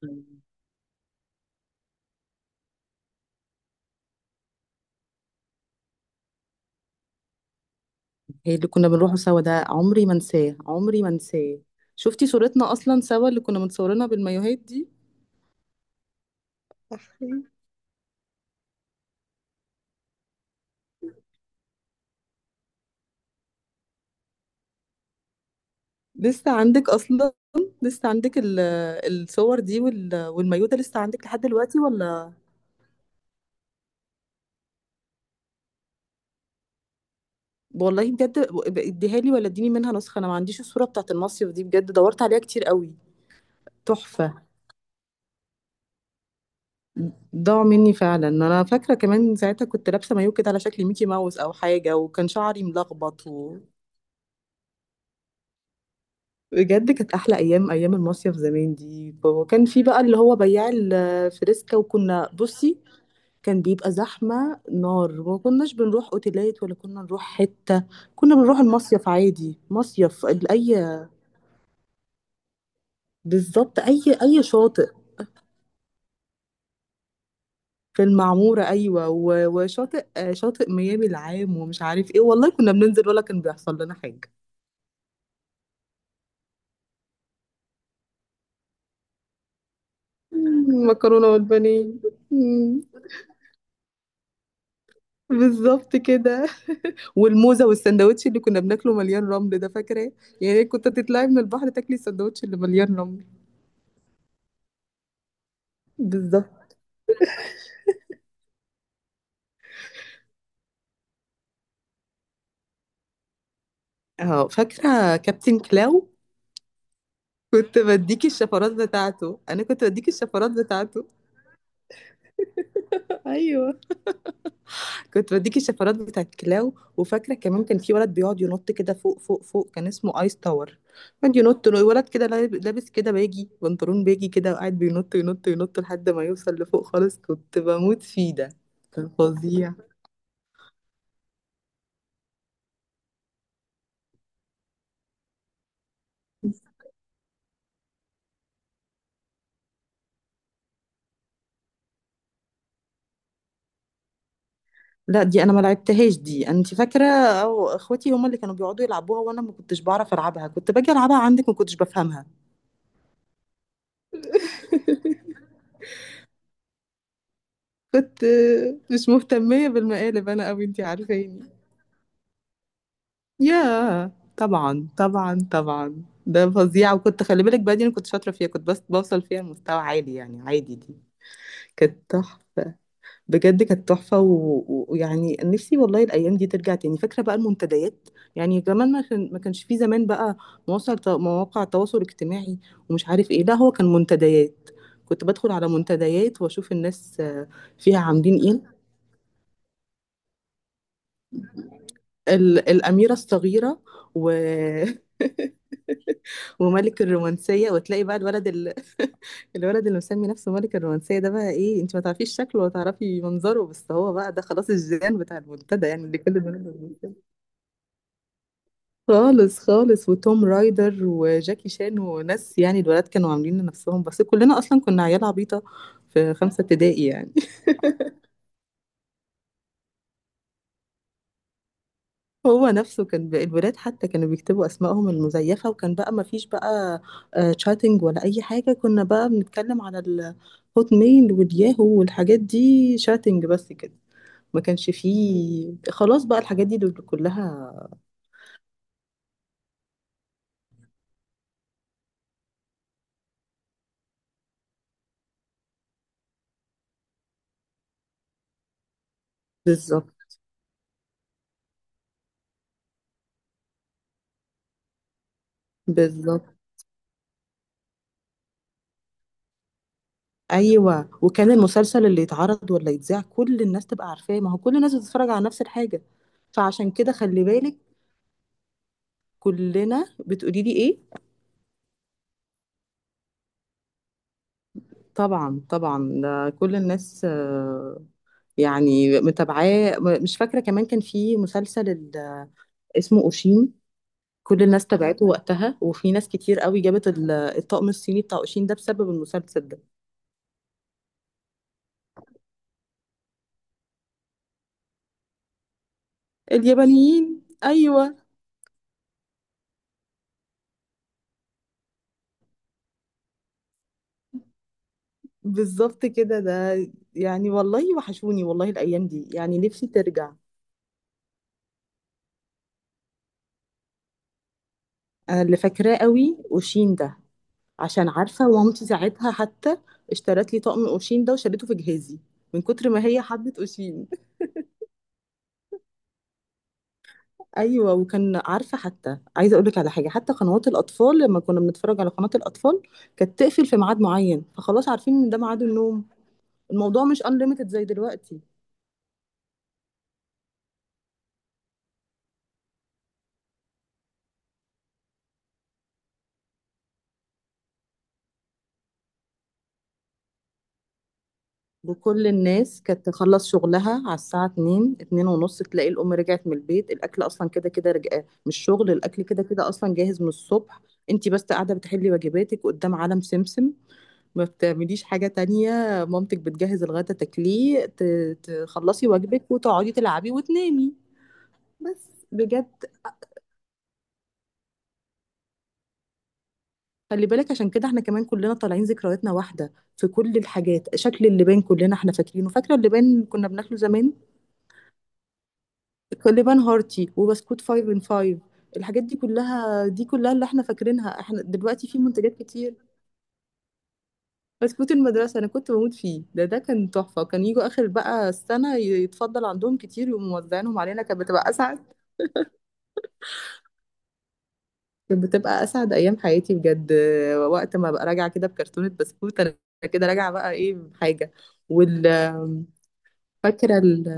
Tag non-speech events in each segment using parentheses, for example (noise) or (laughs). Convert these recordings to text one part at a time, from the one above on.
هي اللي كنا بنروحه سوا ده، عمري ما انساه، عمري ما انساه. شفتي صورتنا اصلا سوا اللي كنا متصورينها بالمايوهات دي؟ لسه عندك اصلا؟ لسه عندك الصور دي والمايوه ده لسه عندك لحد دلوقتي ولا؟ والله بجد. اديها لي ولا اديني منها نسخه، انا ما عنديش الصوره بتاعت المصيف دي، بجد دورت عليها كتير قوي. تحفه. ضاعوا مني فعلا. انا فاكره كمان ساعتها كنت لابسه مايو كده على شكل ميكي ماوس او حاجه، وكان شعري ملخبط. بجد كانت احلى ايام، ايام المصيف زمان دي، وكان في بقى اللي هو بياع الفريسكا، وكنا بصي كان بيبقى زحمه نار، وما كناش بنروح اوتيلات ولا كنا نروح حته. كنا بنروح المصيف عادي، مصيف اي، بالظبط اي اي شاطئ. في المعموره ايوه، وشاطئ شاطئ ميامي العام ومش عارف ايه، والله كنا بننزل ولا كان بيحصل لنا حاجه. مكرونه والبانيه. مم، بالظبط كده. والموزه والسندوتش اللي كنا بناكله مليان رمل ده، فاكراه؟ يعني كنت تطلعي من البحر تاكلي السندوتش اللي مليان رمل. بالظبط. اه، فاكره كابتن كلاو. كنت بديكي الشفرات بتاعته، انا كنت بديكي الشفرات بتاعته. (laughs) ايوه. كنت بديكي الشفرات بتاعت كلاو. وفاكره كمان كان في ولد بيقعد ينط كده فوق فوق فوق، كان اسمه ايس تاور. كان ينط ولد كده لابس كده باجي، بنطلون باجي كده، وقاعد بينط ينط ينط لحد ما يوصل لفوق خالص، كنت بموت فيه ده، كان فظيع. لا دي انا ما لعبتهاش دي، انت فاكره؟ او اخواتي هم اللي كانوا بيقعدوا يلعبوها، وانا ما كنتش بعرف العبها، كنت باجي العبها عندك، ما كنتش بفهمها. كنت مش مهتميه بالمقالب انا قوي، انت عارفاني. يا. طبعا، طبعا، طبعا، ده فظيع. وكنت خلي بالك بقى، دي انا كنت شاطره فيها، كنت بس بوصل فيها لمستوى عالي يعني، عادي دي. كانت تحفه. بجد كانت تحفة ويعني نفسي والله الأيام دي ترجع تاني. فاكرة بقى المنتديات؟ يعني كمان ما كانش في زمان بقى مواقع تواصل اجتماعي ومش عارف ايه، لا هو كان منتديات. كنت بدخل على منتديات واشوف الناس فيها عاملين ايه. الأميرة الصغيرة و... (laughs) وملك الرومانسية، وتلاقي بقى (laughs) الولد اللي مسمي نفسه ملك الرومانسية ده، بقى ايه، انت ما تعرفيش شكله ولا تعرفي منظره، بس هو بقى ده خلاص الجيران بتاع المنتدى يعني، اللي كل البنات بتبص له. خالص خالص. وتوم رايدر وجاكي شان وناس، يعني الولاد كانوا عاملين لنفسهم، بس كلنا اصلا كنا عيال عبيطة في خمسة ابتدائي يعني. هو نفسه كان بقى الولاد حتى كانوا بيكتبوا اسمائهم المزيفه، وكان بقى ما فيش بقى تشاتنج ولا اي حاجه، كنا بقى بنتكلم على الهوت ميل والياهو والحاجات دي، شاتنج بس كده. ما كانش فيه خلاص بقى الحاجات دي دول كلها. بالظبط. بالظبط. ايوه، وكان المسلسل اللي يتعرض ولا يتذاع كل الناس تبقى عارفاه، ما هو كل الناس بتتفرج على نفس الحاجه. فعشان كده خلي بالك، كلنا بتقولي لي ايه. طبعا طبعا، ده كل الناس يعني متابعاه. مش فاكرة كمان كان في مسلسل اسمه أوشين، كل الناس تابعته وقتها، وفي ناس كتير قوي جابت الطقم الصيني بتاع أوشين ده بسبب المسلسل ده. اليابانيين، أيوة. بالظبط كده ده، يعني والله وحشوني والله الأيام دي، يعني نفسي ترجع. أنا اللي فاكراه قوي أوشين ده. عشان عارفة مامتي ساعتها حتى اشترت لي طقم أوشين ده وشالته في جهازي، من كتر ما هي حبت أوشين. ايوه، وكان عارفه، حتى عايزه اقول لك على حاجه، حتى قنوات الاطفال لما كنا بنتفرج على قناه الاطفال كانت تقفل في ميعاد معين، فخلاص عارفين ان ده ميعاد النوم. الموضوع مش انليميتد زي دلوقتي. وكل الناس كانت تخلص شغلها على الساعه 2، 2 ونص، تلاقي الام رجعت من البيت، الاكل اصلا كده كده رجع، مش شغل، الاكل كده كده اصلا جاهز من الصبح. انت بس قاعده بتحلي واجباتك قدام عالم سمسم، ما بتعمليش حاجه تانية. مامتك بتجهز الغدا تاكليه، تخلصي واجبك وتقعدي تلعبي وتنامي. بس بجد. خلي بالك، عشان كده احنا كمان كلنا طالعين ذكرياتنا واحدة في كل الحاجات، شكل اللبان كلنا احنا فاكرينه. فاكرة اللبان اللي كنا بناكله زمان؟ اللبان هارتي وبسكوت فايف ان فايف. الحاجات دي كلها دي كلها اللي احنا فاكرينها. احنا دلوقتي في منتجات كتير. بسكوت المدرسة انا كنت بموت فيه ده، ده كان تحفة، كان يجوا اخر بقى السنة يتفضل عندهم كتير وموزعينهم علينا، كانت بتبقى اسعد، كانت بتبقى اسعد ايام حياتي بجد. وقت ما ببقى راجعه كده بكرتونه بسكوت انا، كده راجعه بقى ايه بحاجه. وال فاكره ال...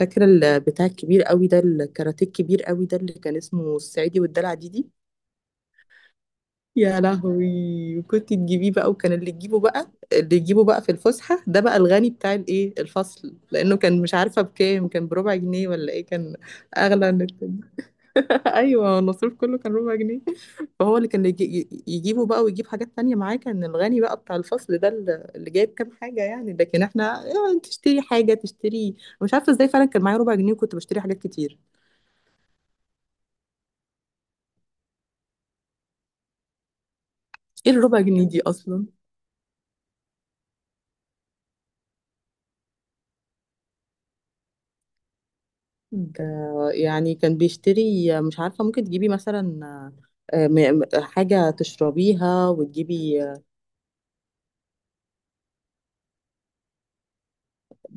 فاكره البتاع الكبير قوي ده، الكاراتيه الكبير قوي ده اللي كان اسمه الصعيدي والدلع دي، يا لهوي، كنت تجيبيه بقى، وكان اللي تجيبه بقى اللي يجيبه بقى في الفسحه ده بقى الغني بتاع الايه الفصل، لانه كان مش عارفه بكام، كان بربع جنيه ولا ايه كان. اغلى من التاني. (laughs) ايوه، النصيب كله كان ربع جنيه. فهو اللي كان يجي يجيبه بقى، ويجيب حاجات تانية معاه، كان الغني بقى بتاع الفصل ده، اللي اللي جايب كام حاجة يعني، لكن احنا تشتري حاجة تشتري. مش عارفة ازاي فعلا كان معايا ربع جنيه وكنت بشتري حاجات كتير. ايه الربع جنيه دي اصلا؟ ده يعني كان بيشتري مش عارفة ممكن تجيبي مثلا حاجة تشربيها وتجيبي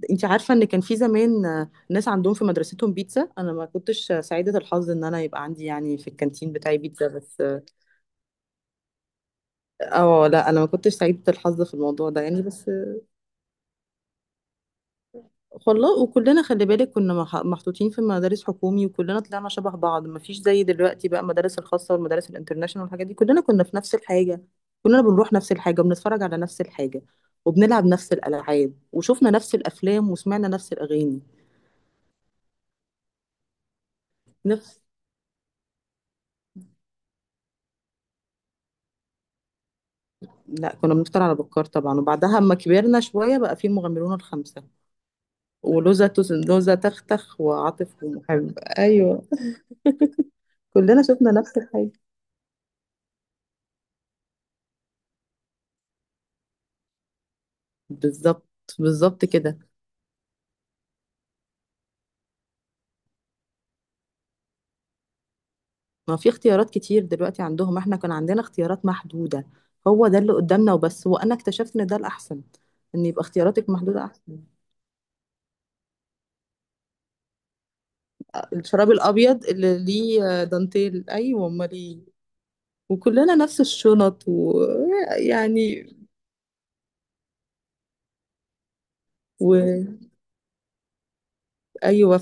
انت عارفة ان كان في زمان ناس عندهم في مدرستهم بيتزا، انا ما كنتش سعيدة الحظ ان انا يبقى عندي يعني في الكانتين بتاعي بيتزا، بس. اه لا، انا ما كنتش سعيده الحظ في الموضوع ده يعني، بس والله. وكلنا خلي بالك كنا محطوطين في مدارس حكومي، وكلنا طلعنا شبه بعض، ما فيش زي دلوقتي بقى المدارس الخاصه والمدارس الانترناشونال والحاجات دي، كلنا كنا في نفس الحاجه. كلنا بنروح نفس الحاجه، وبنتفرج على نفس الحاجه، وبنلعب نفس الالعاب، وشوفنا نفس الافلام، وسمعنا نفس الاغاني نفس. لا، كنا بنفطر على بكار طبعا، وبعدها اما كبرنا شويه بقى في المغامرون الخمسه. ولوزة لوزة تختخ وعاطف ومحب، ايوه. كلنا شفنا نفس الحاجه. بالظبط. بالظبط كده. ما في اختيارات كتير دلوقتي عندهم، احنا كان عندنا اختيارات محدودة. هو ده اللي قدامنا وبس، وانا اكتشفت ان ده الاحسن، ان يبقى اختياراتك محدودة احسن. الشراب الابيض اللي ليه دانتيل، ايوه امال ايه. وكلنا نفس الشنط ويعني. وايوه،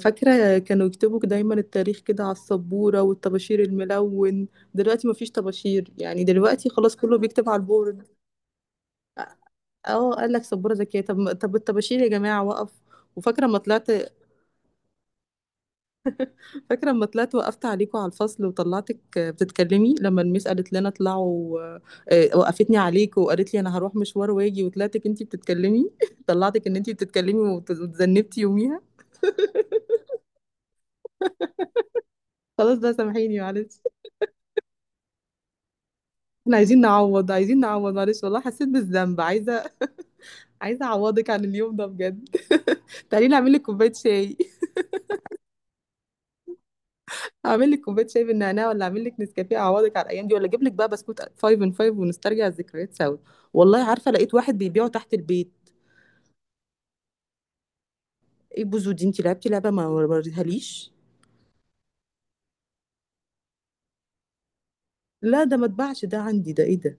فاكره كانوا يكتبوا دايما التاريخ كده على السبوره والطباشير الملون، دلوقتي ما فيش طباشير يعني، دلوقتي خلاص كله بيكتب على البورد. اه قال لك سبوره ذكيه، طب طب الطباشير يا جماعه وقف. وفاكره لما طلعت فاكره لما طلعت، وقفت عليكم على الفصل وطلعتك بتتكلمي، لما الميس قالت لنا اطلعوا، وقفتني عليك وقالت لي انا هروح مشوار واجي، وطلعتك انتي بتتكلمي (laughs) طلعتك ان انتي بتتكلمي، وتذنبتي يوميها. خلاص بقى، سامحيني، معلش. احنا عايزين نعوض، عايزين نعوض، معلش، والله حسيت بالذنب، عايزه، عايزه اعوضك عن اليوم ده بجد. (laughs) تعالي نعمل لك كوبايه شاي، اعمل لك كوبايه شاي بالنعناع، ولا اعمل لك نسكافيه، اعوضك على الايام دي، ولا اجيب لك بقى بسكوت 5 ان 5 ونسترجع الذكريات سوا؟ والله عارفه لقيت واحد بيبيعه تحت البيت. ايه بوزو دي؟ انت لعبتي لعبه ما وريتهاليش؟ لا ده ما اتباعش ده عندي، ده ايه ده؟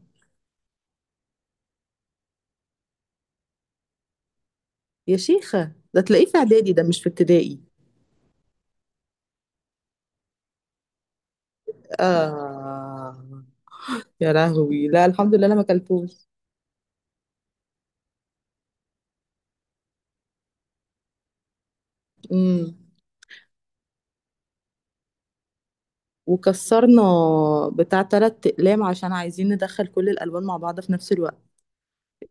يا شيخه ده تلاقيه في اعدادي ده، مش في ابتدائي. اه. يا لهوي، لا الحمد لله انا ما اكلتوش. امم وكسرنا بتاع تلات اقلام، عشان عايزين ندخل كل الالوان مع بعض في نفس الوقت،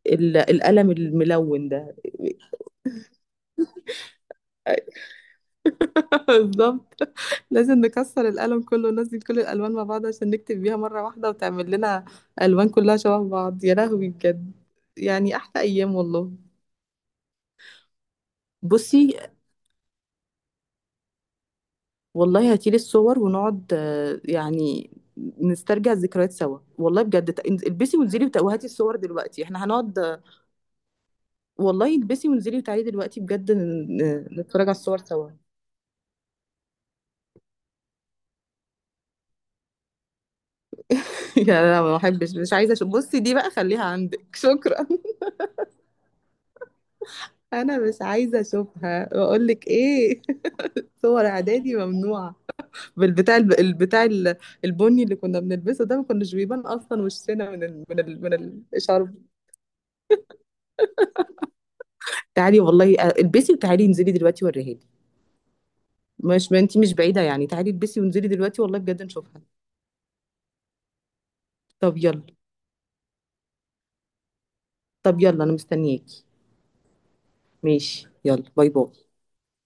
القلم الملون ده. (laughs) بالظبط، لازم نكسر القلم كله وننزل كل الالوان مع بعض، عشان نكتب بيها مره واحده وتعمل لنا الوان كلها شبه بعض، يا لهوي بجد. يعني احلى ايام والله. بصي والله هاتيلي الصور ونقعد يعني نسترجع الذكريات سوا، والله بجد، البسي وانزلي وهاتي الصور دلوقتي احنا هنقعد والله البسي وانزلي وتعالي دلوقتي بجد، نتفرج على الصور سوا. (laughs) يا لا، ما بحبش، مش عايزه أشوف. بصي دي بقى خليها عندك، شكرا. انا مش عايزه اشوفها، واقول لك ايه، (laughs) صور اعدادي ممنوعه. البتاع البني اللي كنا بنلبسه ده ما كناش بيبان اصلا وشنا من من من الشرب. تعالي والله، البسي وتعالي انزلي دلوقتي وريها لي. مش، ما انتي مش بعيده يعني، تعالي البسي وانزلي دلوقتي، والله بجد نشوفها. طب يلا، طب يلا انا مستنياكي. ماشي يلا، باي باي.